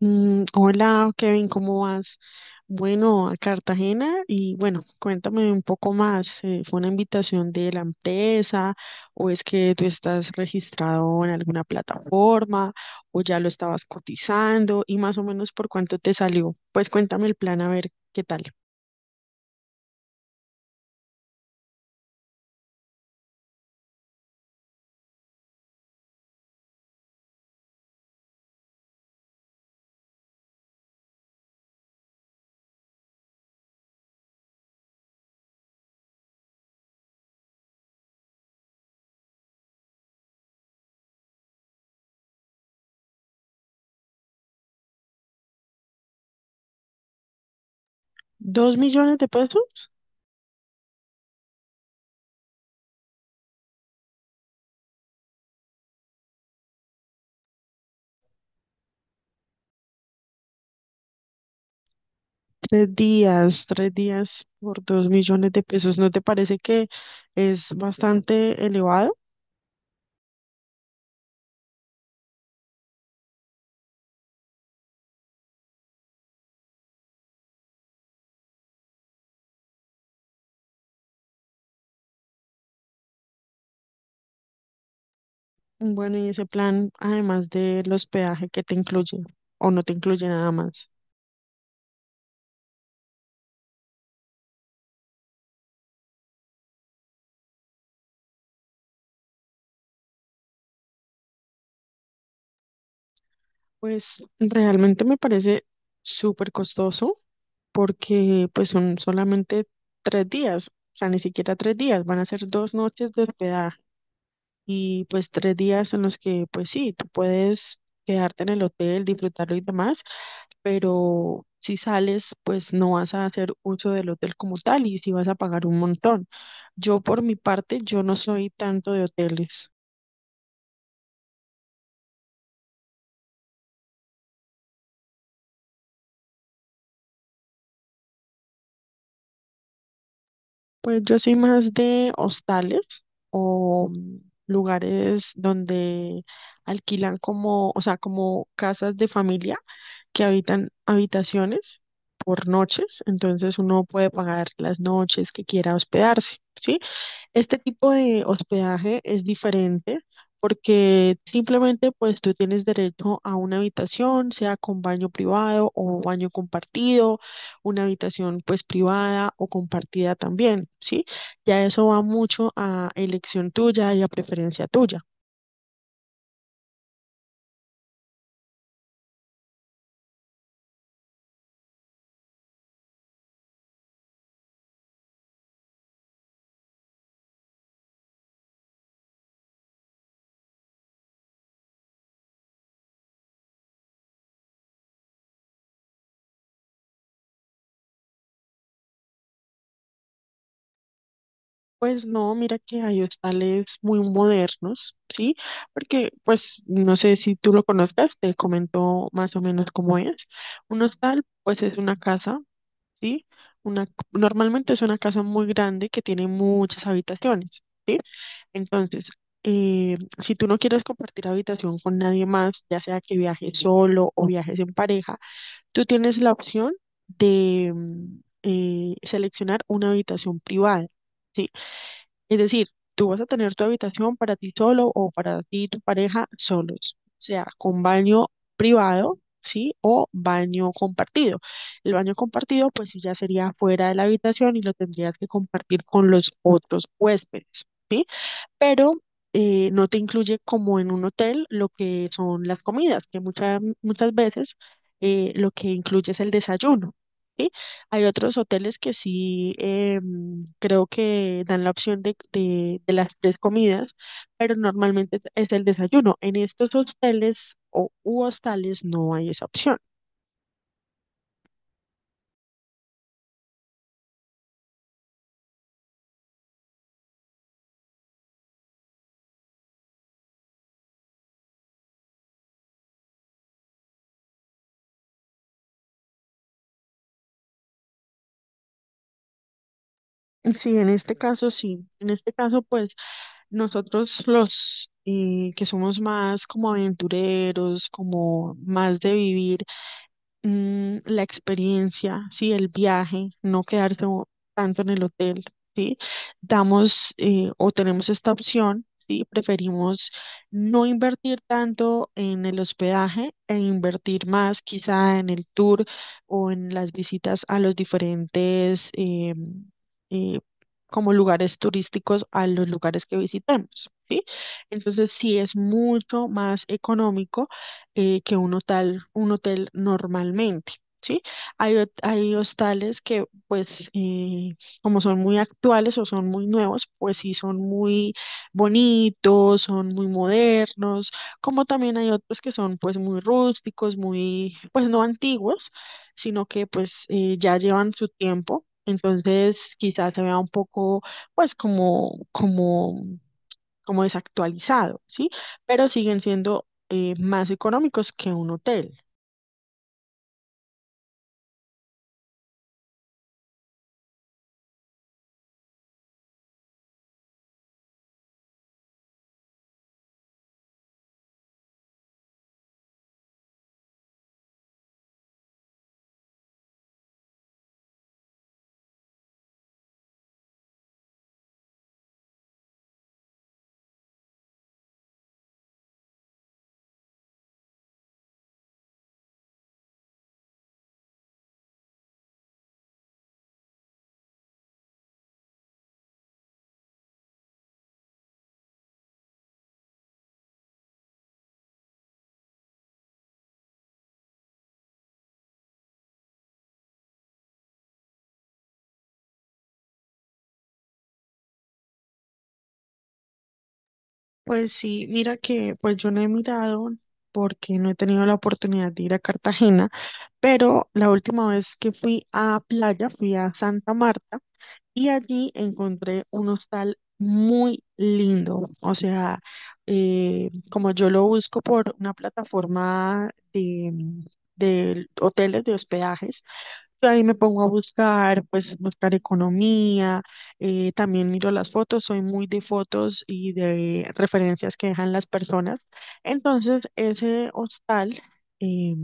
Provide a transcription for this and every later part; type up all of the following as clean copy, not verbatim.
Hola Kevin, ¿cómo vas? Bueno, a Cartagena y bueno, cuéntame un poco más. ¿Fue una invitación de la empresa o es que tú estás registrado en alguna plataforma o ya lo estabas cotizando y más o menos por cuánto te salió? Pues cuéntame el plan a ver qué tal. ¿Dos millones de pesos? Tres días por 2.000.000 de pesos. ¿No te parece que es bastante elevado? Bueno, ¿y ese plan, además del hospedaje, que te incluye? ¿O no te incluye nada más? Pues realmente me parece súper costoso porque pues son solamente tres días, o sea, ni siquiera tres días, van a ser dos noches de hospedaje. Y pues tres días en los que pues sí, tú puedes quedarte en el hotel, disfrutarlo y demás, pero si sales pues no vas a hacer uso del hotel como tal y si vas a pagar un montón. Yo por mi parte, yo no soy tanto de hoteles. Pues yo soy más de hostales o lugares donde alquilan como, o sea, como casas de familia que habitan habitaciones por noches. Entonces uno puede pagar las noches que quiera hospedarse, ¿sí? Este tipo de hospedaje es diferente porque simplemente pues tú tienes derecho a una habitación, sea con baño privado o baño compartido, una habitación pues privada o compartida también, ¿sí? Ya eso va mucho a elección tuya y a preferencia tuya. Pues no, mira que hay hostales muy modernos, ¿sí? Porque pues no sé si tú lo conozcas, te comento más o menos cómo es. Un hostal pues es una casa, ¿sí? Una, normalmente es una casa muy grande que tiene muchas habitaciones, ¿sí? Entonces, si tú no quieres compartir habitación con nadie más, ya sea que viajes solo o viajes en pareja, tú tienes la opción de seleccionar una habitación privada. ¿Sí? Es decir, tú vas a tener tu habitación para ti solo o para ti y tu pareja solos, o sea, con baño privado, ¿sí? O baño compartido. El baño compartido, pues sí, ya sería fuera de la habitación y lo tendrías que compartir con los otros huéspedes, ¿sí? Pero no te incluye como en un hotel lo que son las comidas, que muchas muchas veces lo que incluye es el desayuno. ¿Sí? Hay otros hoteles que sí, creo que dan la opción de las tres comidas, pero normalmente es el desayuno. En estos hoteles o u hostales no hay esa opción. Sí, en este caso sí. En este caso, pues nosotros los que somos más como aventureros, como más de vivir la experiencia, ¿sí? El viaje, no quedarse tanto en el hotel, ¿sí? Damos o tenemos esta opción, ¿sí? Preferimos no invertir tanto en el hospedaje e invertir más quizá en el tour o en las visitas a los diferentes, eh, como lugares turísticos a los lugares que visitemos, ¿sí? Entonces sí es mucho más económico, que un hotel normalmente. ¿Sí? Hay, hay hostales que, pues, como son muy actuales o son muy nuevos, pues sí son muy bonitos, son muy modernos, como también hay otros que son, pues, muy rústicos, muy, pues, no antiguos, sino que, pues, ya llevan su tiempo. Entonces, quizás se vea un poco, pues, como, como desactualizado, ¿sí? Pero siguen siendo, más económicos que un hotel. Pues sí, mira que pues yo no he mirado porque no he tenido la oportunidad de ir a Cartagena, pero la última vez que fui a playa fui a Santa Marta y allí encontré un hostal muy lindo. O sea, como yo lo busco por una plataforma de hoteles de hospedajes, yo ahí me pongo a buscar, pues buscar economía, también miro las fotos, soy muy de fotos y de referencias que dejan las personas. Entonces, ese hostal, eh,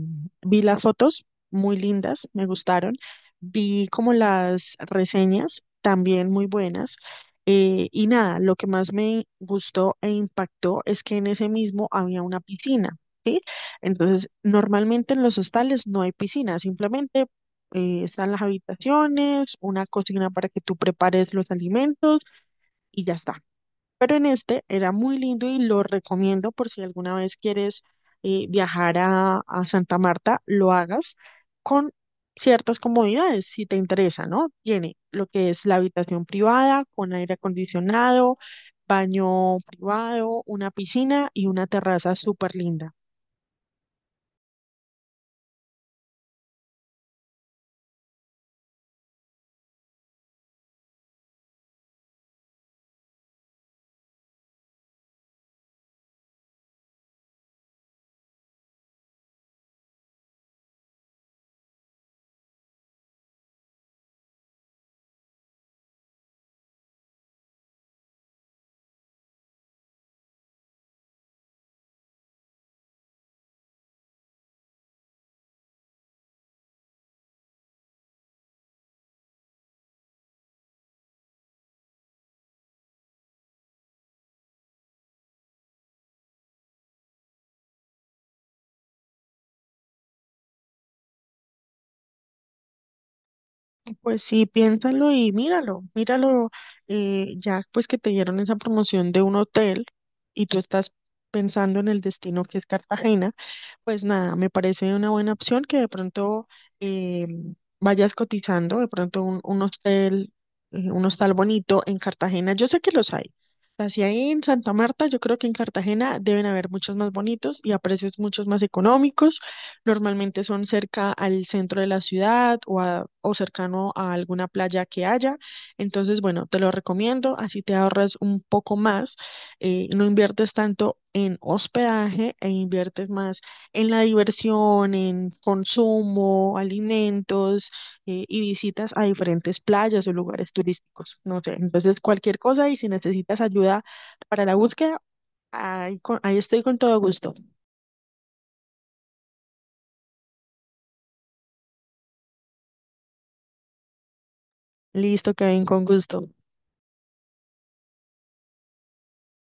vi las fotos muy lindas, me gustaron, vi como las reseñas también muy buenas. Y nada, lo que más me gustó e impactó es que en ese mismo había una piscina. ¿Sí? Entonces, normalmente en los hostales no hay piscina, simplemente están las habitaciones, una cocina para que tú prepares los alimentos y ya está. Pero en este era muy lindo y lo recomiendo por si alguna vez quieres viajar a Santa Marta, lo hagas con ciertas comodidades si te interesa, ¿no? Tiene lo que es la habitación privada con aire acondicionado, baño privado, una piscina y una terraza súper linda. Pues sí, piénsalo y míralo, míralo, ya pues que te dieron esa promoción de un hotel y tú estás pensando en el destino que es Cartagena. Pues nada, me parece una buena opción que de pronto eh, vayas cotizando, de pronto un hostel, un hostal bonito en Cartagena. Yo sé que los hay. Así ahí en Santa Marta, yo creo que en Cartagena deben haber muchos más bonitos y a precios muchos más económicos. Normalmente son cerca al centro de la ciudad o cercano a alguna playa que haya. Entonces, bueno, te lo recomiendo, así te ahorras un poco más. No inviertes tanto en hospedaje e inviertes más en la diversión, en consumo, alimentos, y visitas a diferentes playas o lugares turísticos. No sé, entonces cualquier cosa y si necesitas ayuda para la búsqueda, ahí, ahí estoy con todo gusto. Listo, Kevin, con gusto.